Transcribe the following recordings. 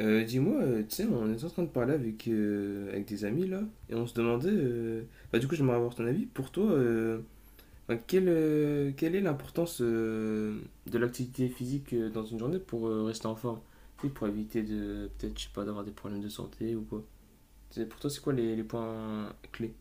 Dis-moi, tu sais, on est en train de parler avec, avec des amis là, et on se demandait, bah, du coup j'aimerais avoir ton avis, pour toi, enfin, quelle est l'importance de l'activité physique dans une journée pour rester en forme? Tu sais, pour éviter peut-être, je sais pas, d'avoir des problèmes de santé ou quoi. Tu sais, pour toi, c'est quoi les points clés?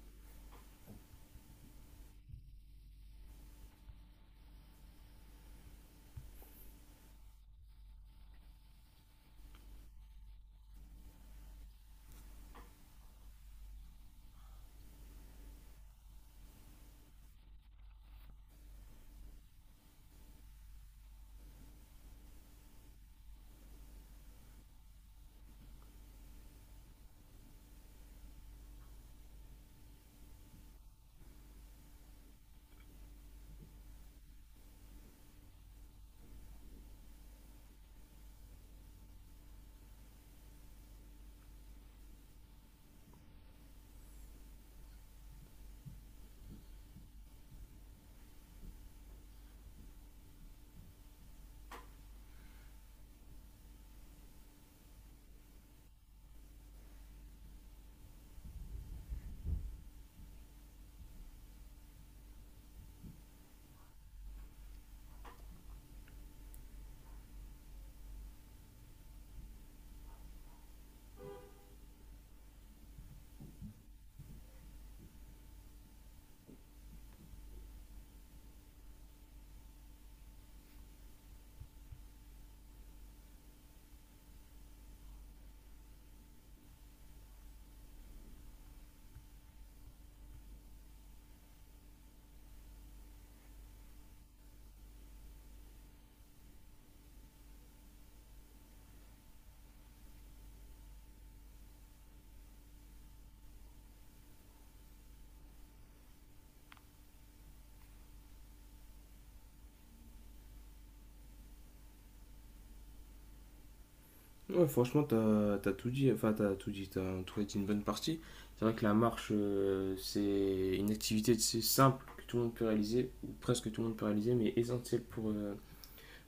Ouais, franchement, t'as tout dit, enfin, t'as tout dit, t'as en tout cas dit une bonne partie. C'est vrai que la marche, c'est une activité c'est simple que tout le monde peut réaliser, ou presque tout le monde peut réaliser, mais essentielle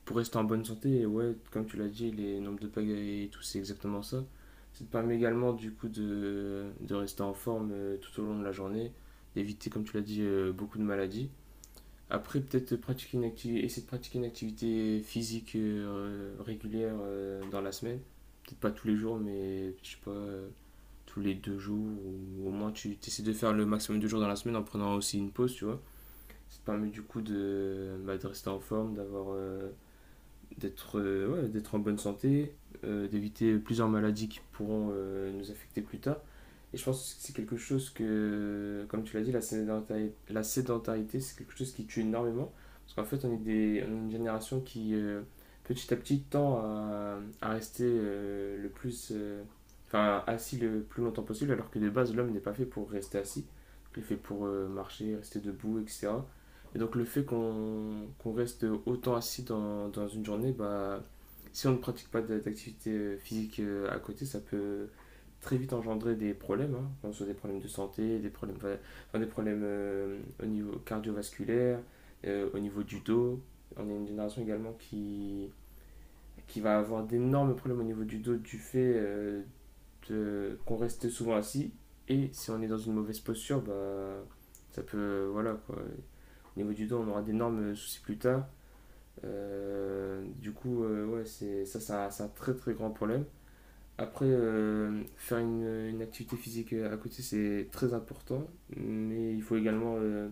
pour rester en bonne santé. Et ouais, comme tu l'as dit, les nombres de pagaies et tout, c'est exactement ça. Ça te permet également, du coup, de rester en forme tout au long de la journée, d'éviter, comme tu l'as dit, beaucoup de maladies. Après, peut-être pratiquer une activité, essayer de pratiquer une activité physique régulière dans la semaine. Peut-être pas tous les jours, mais je sais pas, tous les 2 jours, ou au moins tu essaies de faire le maximum de jours dans la semaine en prenant aussi une pause, tu vois. Ça te permet du coup de, bah, de rester en forme, d'avoir d'être ouais, d'être en bonne santé, d'éviter plusieurs maladies qui pourront nous affecter plus tard. Et je pense que c'est quelque chose que, comme tu l'as dit, la sédentarité c'est quelque chose qui tue énormément. Parce qu'en fait, on est une génération petit à petit, tend à rester le plus. Enfin, assis le plus longtemps possible, alors que de base, l'homme n'est pas fait pour rester assis. Il est fait pour marcher, rester debout, etc. Et donc le fait qu'on reste autant assis dans une journée, bah, si on ne pratique pas d'activité physique à côté, ça peut très vite engendrer des problèmes, hein, que ce soit des problèmes de santé, des problèmes, enfin, des problèmes au niveau cardiovasculaire, au niveau du dos. On est une génération également qui va avoir d'énormes problèmes au niveau du dos du fait qu'on reste souvent assis. Et si on est dans une mauvaise posture, bah, ça peut. Voilà quoi. Au niveau du dos, on aura d'énormes soucis plus tard. Du coup, ouais, c'est, ça, c'est un très très grand problème. Après, faire une activité physique à côté, c'est très important, mais il faut également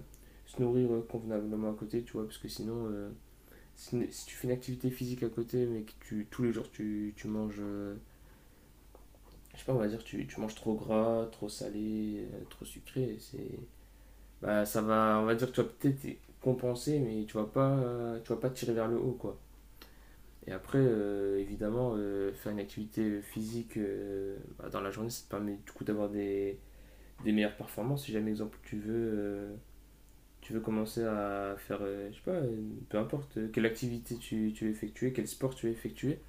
se nourrir convenablement à côté, tu vois, parce que sinon, si tu fais une activité physique à côté, mais que tu, tous les jours tu manges je sais pas, on va dire, tu manges trop gras, trop salé, trop sucré. C'est, bah, ça va, on va dire, que tu vas peut-être y compenser, mais tu vas pas tirer vers le haut, quoi. Et après, évidemment, faire une activité physique bah, dans la journée, ça te permet du coup d'avoir des meilleures performances. Si jamais, exemple, tu veux, tu veux, commencer à faire, je sais pas, peu importe quelle activité tu veux effectuer, quel sport tu veux effectuer,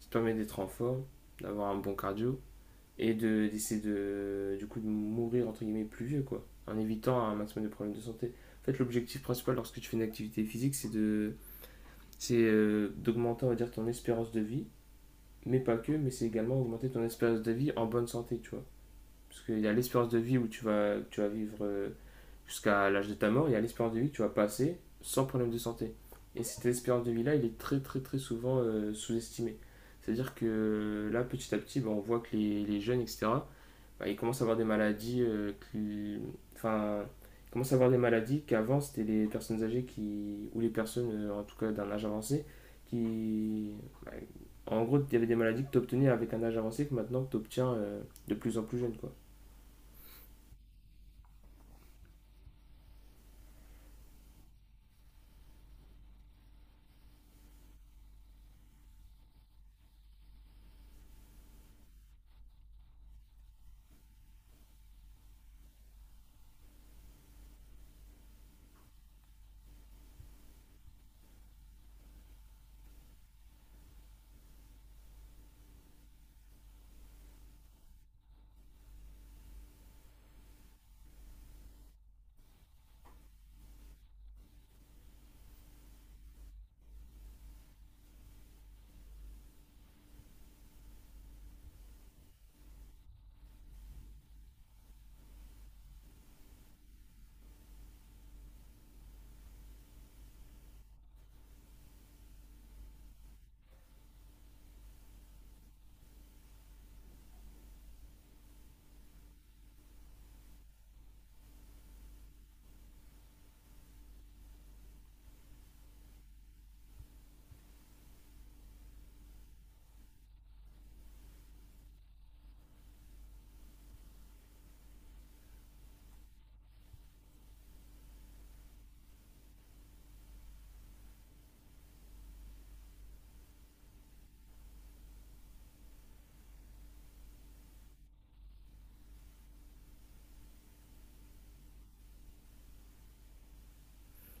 ça te permet d'être en forme, d'avoir un bon cardio et de d'essayer de du coup de mourir entre guillemets plus vieux, quoi, en évitant un maximum de problèmes de santé. En fait, l'objectif principal lorsque tu fais une activité physique, c'est d'augmenter, on va dire, ton espérance de vie. Mais pas que, mais c'est également augmenter ton espérance de vie en bonne santé, tu vois. Parce qu'il y a l'espérance de vie où tu vas vivre jusqu'à l'âge de ta mort. Il y a l'espérance de vie que tu vas passer sans problème de santé, et cette espérance de vie là il est très très très souvent sous-estimé. C'est à dire que là, petit à petit, bah, on voit que les jeunes, etc., bah, ils commencent à avoir des maladies qui. Enfin, ils commencent à avoir des maladies qu'avant c'était les personnes âgées qui. Ou les personnes, en tout cas d'un âge avancé, qui. Bah, en gros, il y avait des maladies que tu obtenais avec un âge avancé que maintenant tu obtiens de plus en plus jeune, quoi.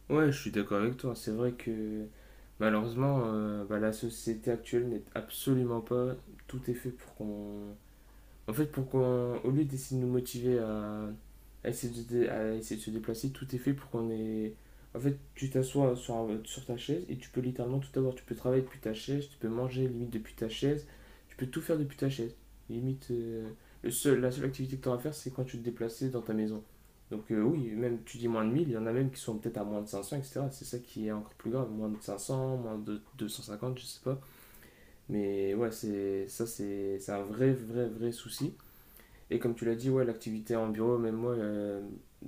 Ouais, je suis d'accord avec toi. C'est vrai que malheureusement, bah, la société actuelle n'est absolument pas. Tout est fait pour qu'on. En fait, pour qu'on, au lieu d'essayer de nous motiver à essayer, à essayer de se déplacer, tout est fait pour qu'on ait. En fait, tu t'assois sur ta chaise et tu peux littéralement tout avoir. Tu peux travailler depuis ta chaise, tu peux manger limite depuis ta chaise, tu peux tout faire depuis ta chaise. Limite, la seule activité que tu auras à faire, c'est quand tu te déplaces dans ta maison. Donc, oui, même tu dis moins de 1 000, il y en a même qui sont peut-être à moins de 500, etc. C'est ça qui est encore plus grave. Moins de 500, moins de 250, je sais pas. Mais ouais, c'est, ça, c'est un vrai, vrai, vrai souci. Et comme tu l'as dit, ouais, l'activité en bureau, même moi,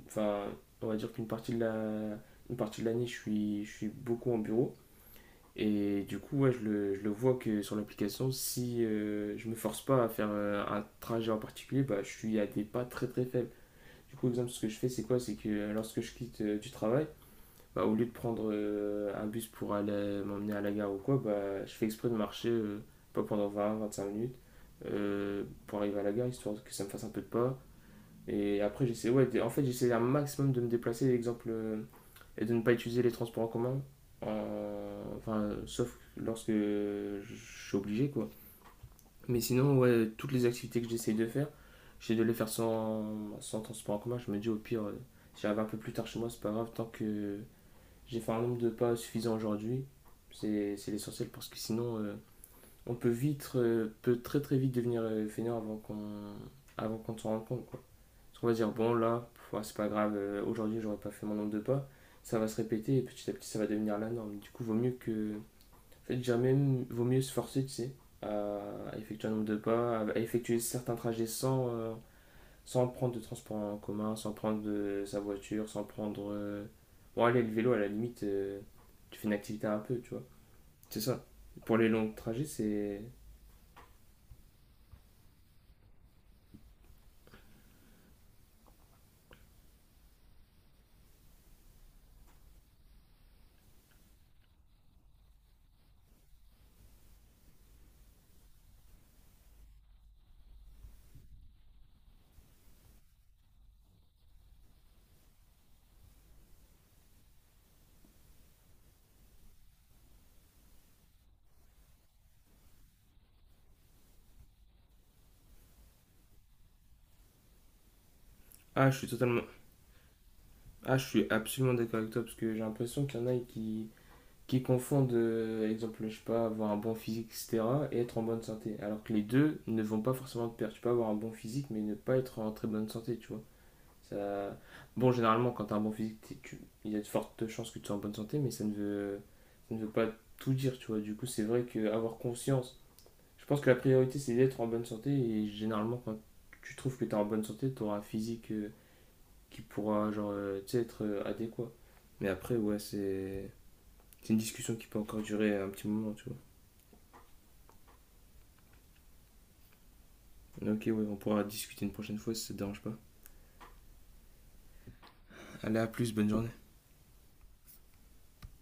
enfin, on va dire qu'une partie de l'année, je suis beaucoup en bureau. Et du coup, ouais, je le vois que sur l'application, si je me force pas à faire un trajet en particulier, bah, je suis à des pas très très faibles. Du coup, exemple, ce que je fais, c'est quoi? C'est que lorsque je quitte du travail, bah, au lieu de prendre un bus pour aller m'emmener à la gare ou quoi, bah, je fais exprès de marcher, pas pendant 20 à 25 minutes, pour arriver à la gare, histoire que ça me fasse un peu de pas. Et après, j'essaie, ouais, en fait, j'essaie un maximum de me déplacer, exemple, et de ne pas utiliser les transports en commun, enfin, sauf lorsque je suis obligé, quoi. Mais sinon, ouais, toutes les activités que j'essaie de faire, j'essaie de les faire sans, transport en commun. Je me dis, au pire, si j'arrive un peu plus tard chez moi, c'est pas grave, tant que j'ai fait un nombre de pas suffisant aujourd'hui, c'est l'essentiel, parce que sinon, on peut très très vite devenir fainéant avant qu'on s'en rende compte, quoi. Parce qu'on va dire, bon, là, ouais, c'est pas grave, aujourd'hui, j'aurais pas fait mon nombre de pas. Ça va se répéter et petit à petit, ça va devenir la norme. Du coup, vaut mieux que. En fait, déjà même, vaut mieux se forcer, tu sais, à effectuer un nombre de pas, à effectuer certains trajets sans, sans prendre de transport en commun, sans prendre de sa voiture, sans prendre. Bon, allez, le vélo, à la limite, tu fais une activité un peu, tu vois. C'est ça. Pour les longs trajets, c'est. Ah, je suis totalement. Ah, je suis absolument d'accord avec toi parce que j'ai l'impression qu'il y en a qui. Qui confondent, exemple, je sais pas, avoir un bon physique, etc., et être en bonne santé. Alors que les deux ne vont pas forcément de pair. Tu peux avoir un bon physique, mais ne pas être en très bonne santé, tu vois. Ça... Bon, généralement, quand tu as un bon physique, il y a de fortes chances que tu sois en bonne santé, mais ça ne veut pas tout dire, tu vois. Du coup, c'est vrai qu'avoir conscience, je pense que la priorité, c'est d'être en bonne santé, et généralement, quand tu trouves que tu es en bonne santé, tu auras un physique qui pourra, genre, tu sais, être adéquat. Mais après, ouais, c'est une discussion qui peut encore durer un petit moment, tu vois. Ok, ouais, on pourra discuter une prochaine fois si ça te dérange pas. Allez, à plus, bonne journée.